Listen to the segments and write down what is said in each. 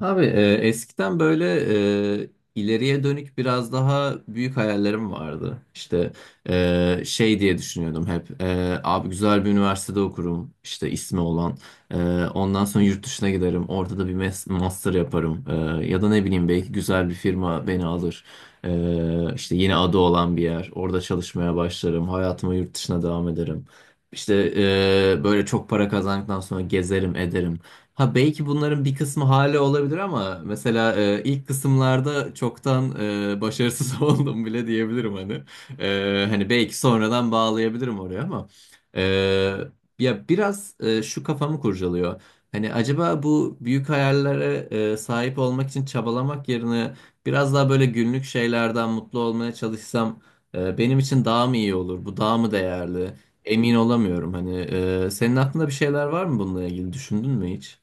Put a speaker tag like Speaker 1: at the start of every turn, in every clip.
Speaker 1: Abi, eskiden böyle ileriye dönük biraz daha büyük hayallerim vardı. İşte, şey diye düşünüyordum hep. Abi, güzel bir üniversitede okurum, işte ismi olan. E, Ondan sonra yurt dışına giderim. Orada da bir master yaparım. Ya da ne bileyim, belki güzel bir firma beni alır. İşte yeni adı olan bir yer. Orada çalışmaya başlarım. Hayatıma yurt dışına devam ederim. İşte, böyle çok para kazandıktan sonra gezerim, ederim. Ha, belki bunların bir kısmı hala olabilir ama mesela, ilk kısımlarda çoktan başarısız oldum bile diyebilirim hani. Hani belki sonradan bağlayabilirim oraya ama, e, ya biraz, şu kafamı kurcalıyor. Hani acaba bu büyük hayallere sahip olmak için çabalamak yerine biraz daha böyle günlük şeylerden mutlu olmaya çalışsam, benim için daha mı iyi olur? Bu daha mı değerli? Emin olamıyorum hani. Senin aklında bir şeyler var mı bununla ilgili? Düşündün mü hiç?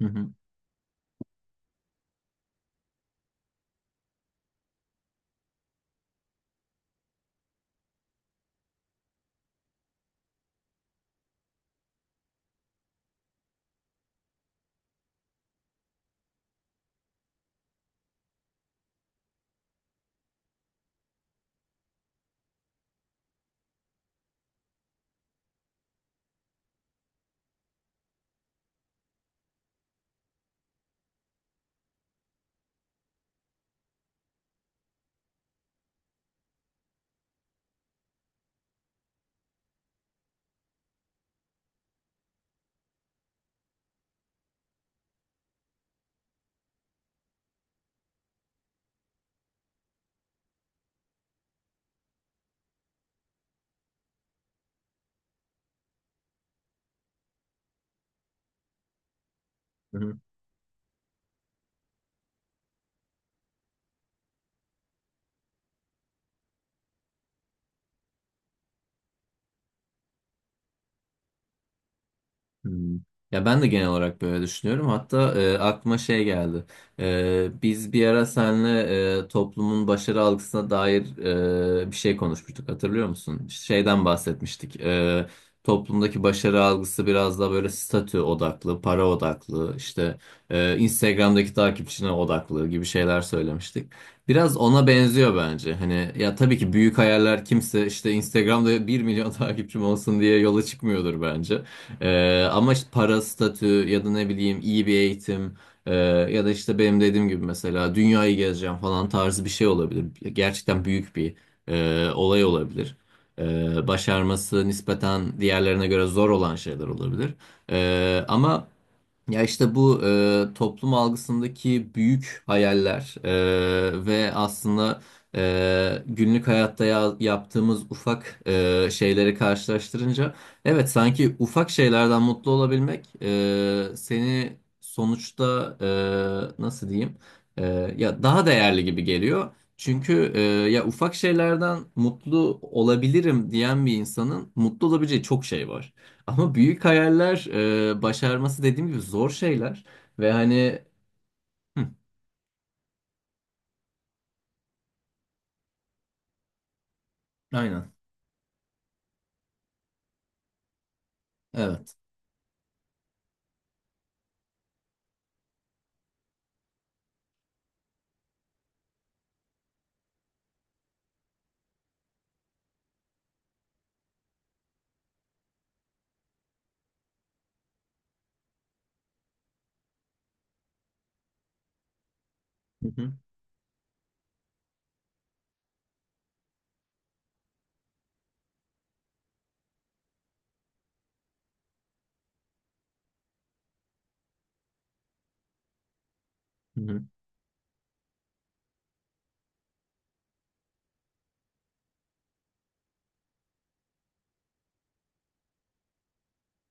Speaker 1: Hı hı. Hı hı. Hmm. Ya, ben de genel olarak böyle düşünüyorum. Hatta aklıma şey geldi. Biz bir ara seninle toplumun başarı algısına dair bir şey konuşmuştuk. Hatırlıyor musun? Şeyden bahsetmiştik. Toplumdaki başarı algısı biraz daha böyle statü odaklı, para odaklı, işte, Instagram'daki takipçine odaklı gibi şeyler söylemiştik. Biraz ona benziyor bence. Hani ya, tabii ki büyük hayaller kimse işte Instagram'da 1 milyon takipçim olsun diye yola çıkmıyordur bence. Ama işte para, statü ya da ne bileyim iyi bir eğitim, ya da işte benim dediğim gibi mesela dünyayı gezeceğim falan tarzı bir şey olabilir. Gerçekten büyük bir olay olabilir. Başarması nispeten diğerlerine göre zor olan şeyler olabilir. Ama ya işte bu toplum algısındaki büyük hayaller ve aslında günlük hayatta yaptığımız ufak şeyleri karşılaştırınca, evet, sanki ufak şeylerden mutlu olabilmek seni sonuçta, nasıl diyeyim, e, ya daha değerli gibi geliyor. Çünkü ya, ufak şeylerden mutlu olabilirim diyen bir insanın mutlu olabileceği çok şey var. Ama büyük hayaller, başarması dediğim gibi zor şeyler ve hani. Hı, aynen, evet. Hı hı. Hı hı.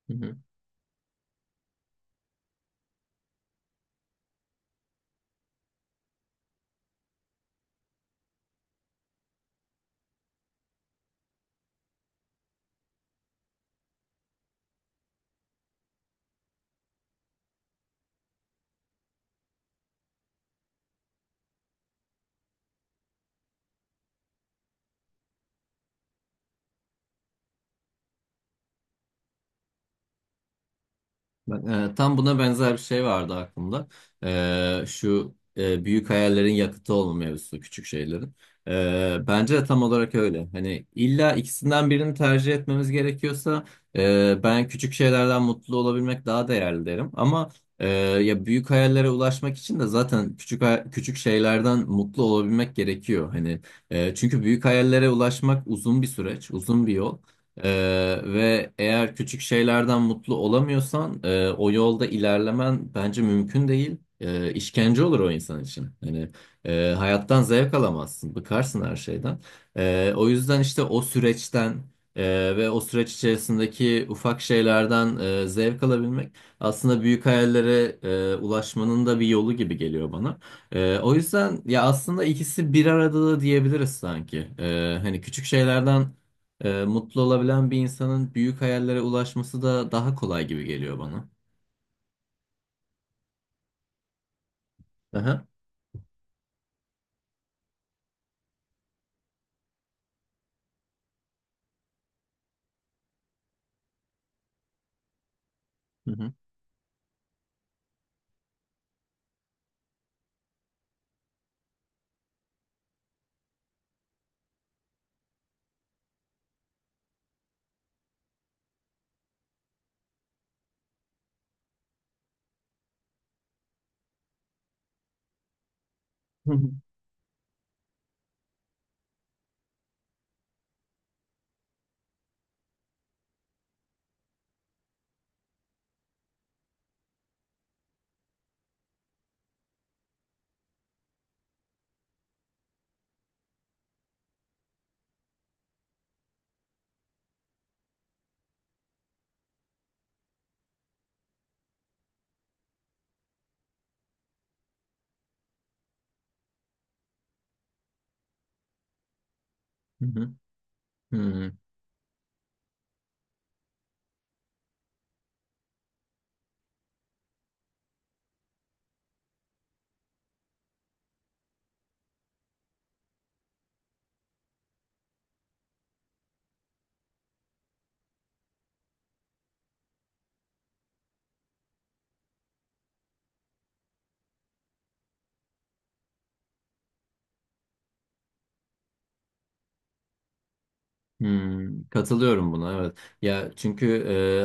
Speaker 1: Hı hı. Tam buna benzer bir şey vardı aklımda. Şu büyük hayallerin yakıtı olma mevzusu, küçük şeylerin. Bence de tam olarak öyle. Hani illa ikisinden birini tercih etmemiz gerekiyorsa, ben küçük şeylerden mutlu olabilmek daha değerli derim. Ama ya, büyük hayallere ulaşmak için de zaten küçük şeylerden mutlu olabilmek gerekiyor. Hani, çünkü büyük hayallere ulaşmak uzun bir süreç, uzun bir yol. Ve eğer küçük şeylerden mutlu olamıyorsan, o yolda ilerlemen bence mümkün değil. İşkence olur o insan için. Yani, hayattan zevk alamazsın, bıkarsın her şeyden. O yüzden işte o süreçten e, ve o süreç içerisindeki ufak şeylerden zevk alabilmek, aslında büyük hayallere ulaşmanın da bir yolu gibi geliyor bana. O yüzden ya, aslında ikisi bir arada da diyebiliriz sanki. Hani küçük şeylerden mutlu olabilen bir insanın büyük hayallere ulaşması da daha kolay gibi geliyor bana. Aha. Hı hı. Hı hı. Hı hı. Hı. Hmm, katılıyorum buna, evet. Ya çünkü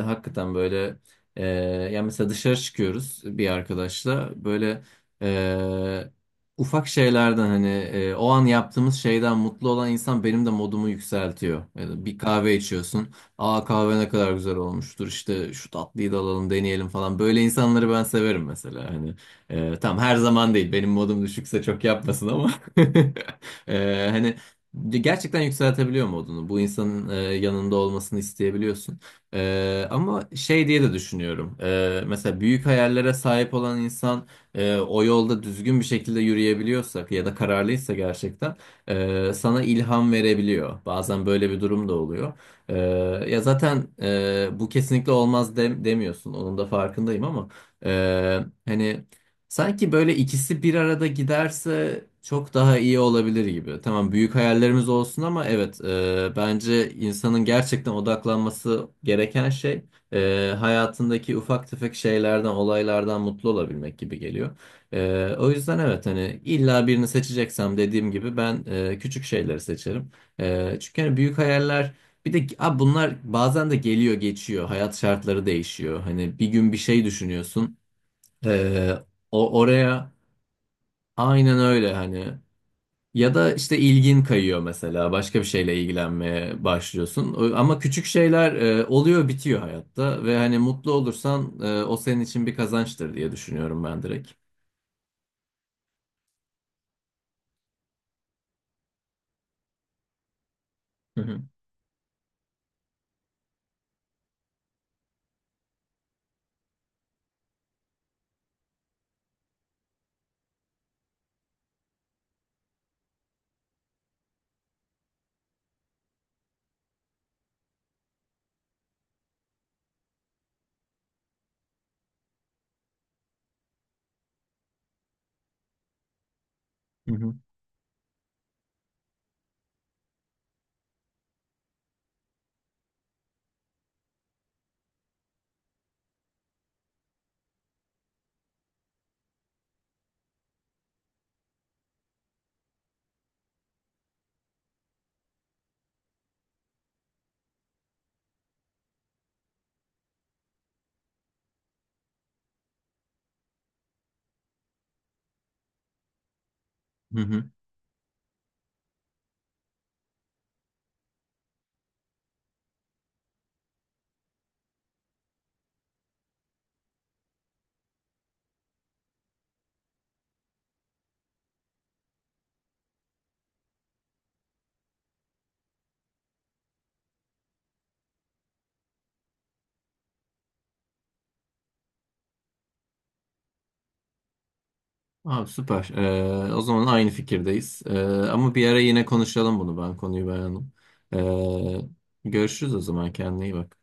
Speaker 1: hakikaten böyle, e, ya mesela dışarı çıkıyoruz bir arkadaşla böyle, e, ufak şeylerden hani, o an yaptığımız şeyden mutlu olan insan benim de modumu yükseltiyor. Yani bir kahve içiyorsun. Aa, kahve ne kadar güzel olmuştur, işte şu tatlıyı da alalım deneyelim falan. Böyle insanları ben severim mesela, hani. Tamam, her zaman değil, benim modum düşükse çok yapmasın ama. Hani, gerçekten yükseltebiliyor modunu. Bu insanın yanında olmasını isteyebiliyorsun. Ama şey diye de düşünüyorum. Mesela büyük hayallere sahip olan insan, o yolda düzgün bir şekilde yürüyebiliyorsak ya da kararlıysa, gerçekten sana ilham verebiliyor. Bazen böyle bir durum da oluyor. E, Ya zaten bu kesinlikle olmaz demiyorsun. Onun da farkındayım ama, e, hani sanki böyle ikisi bir arada giderse çok daha iyi olabilir gibi. Tamam, büyük hayallerimiz olsun ama evet, bence insanın gerçekten odaklanması gereken şey, hayatındaki ufak tefek şeylerden, olaylardan mutlu olabilmek gibi geliyor. O yüzden evet, hani illa birini seçeceksem dediğim gibi ben küçük şeyleri seçerim. Çünkü hani büyük hayaller, bir de abi bunlar bazen de geliyor geçiyor. Hayat şartları değişiyor. Hani bir gün bir şey düşünüyorsun. Ee, O oraya, aynen öyle hani, ya da işte ilgin kayıyor mesela, başka bir şeyle ilgilenmeye başlıyorsun. Ama küçük şeyler oluyor bitiyor hayatta ve hani mutlu olursan, o senin için bir kazançtır diye düşünüyorum ben direkt. Hı hı. Hı hı. Hı hı. Abi, süper. O zaman aynı fikirdeyiz. Ama bir ara yine konuşalım bunu, ben konuyu beğendim. Ee, Görüşürüz o zaman, kendine iyi bak.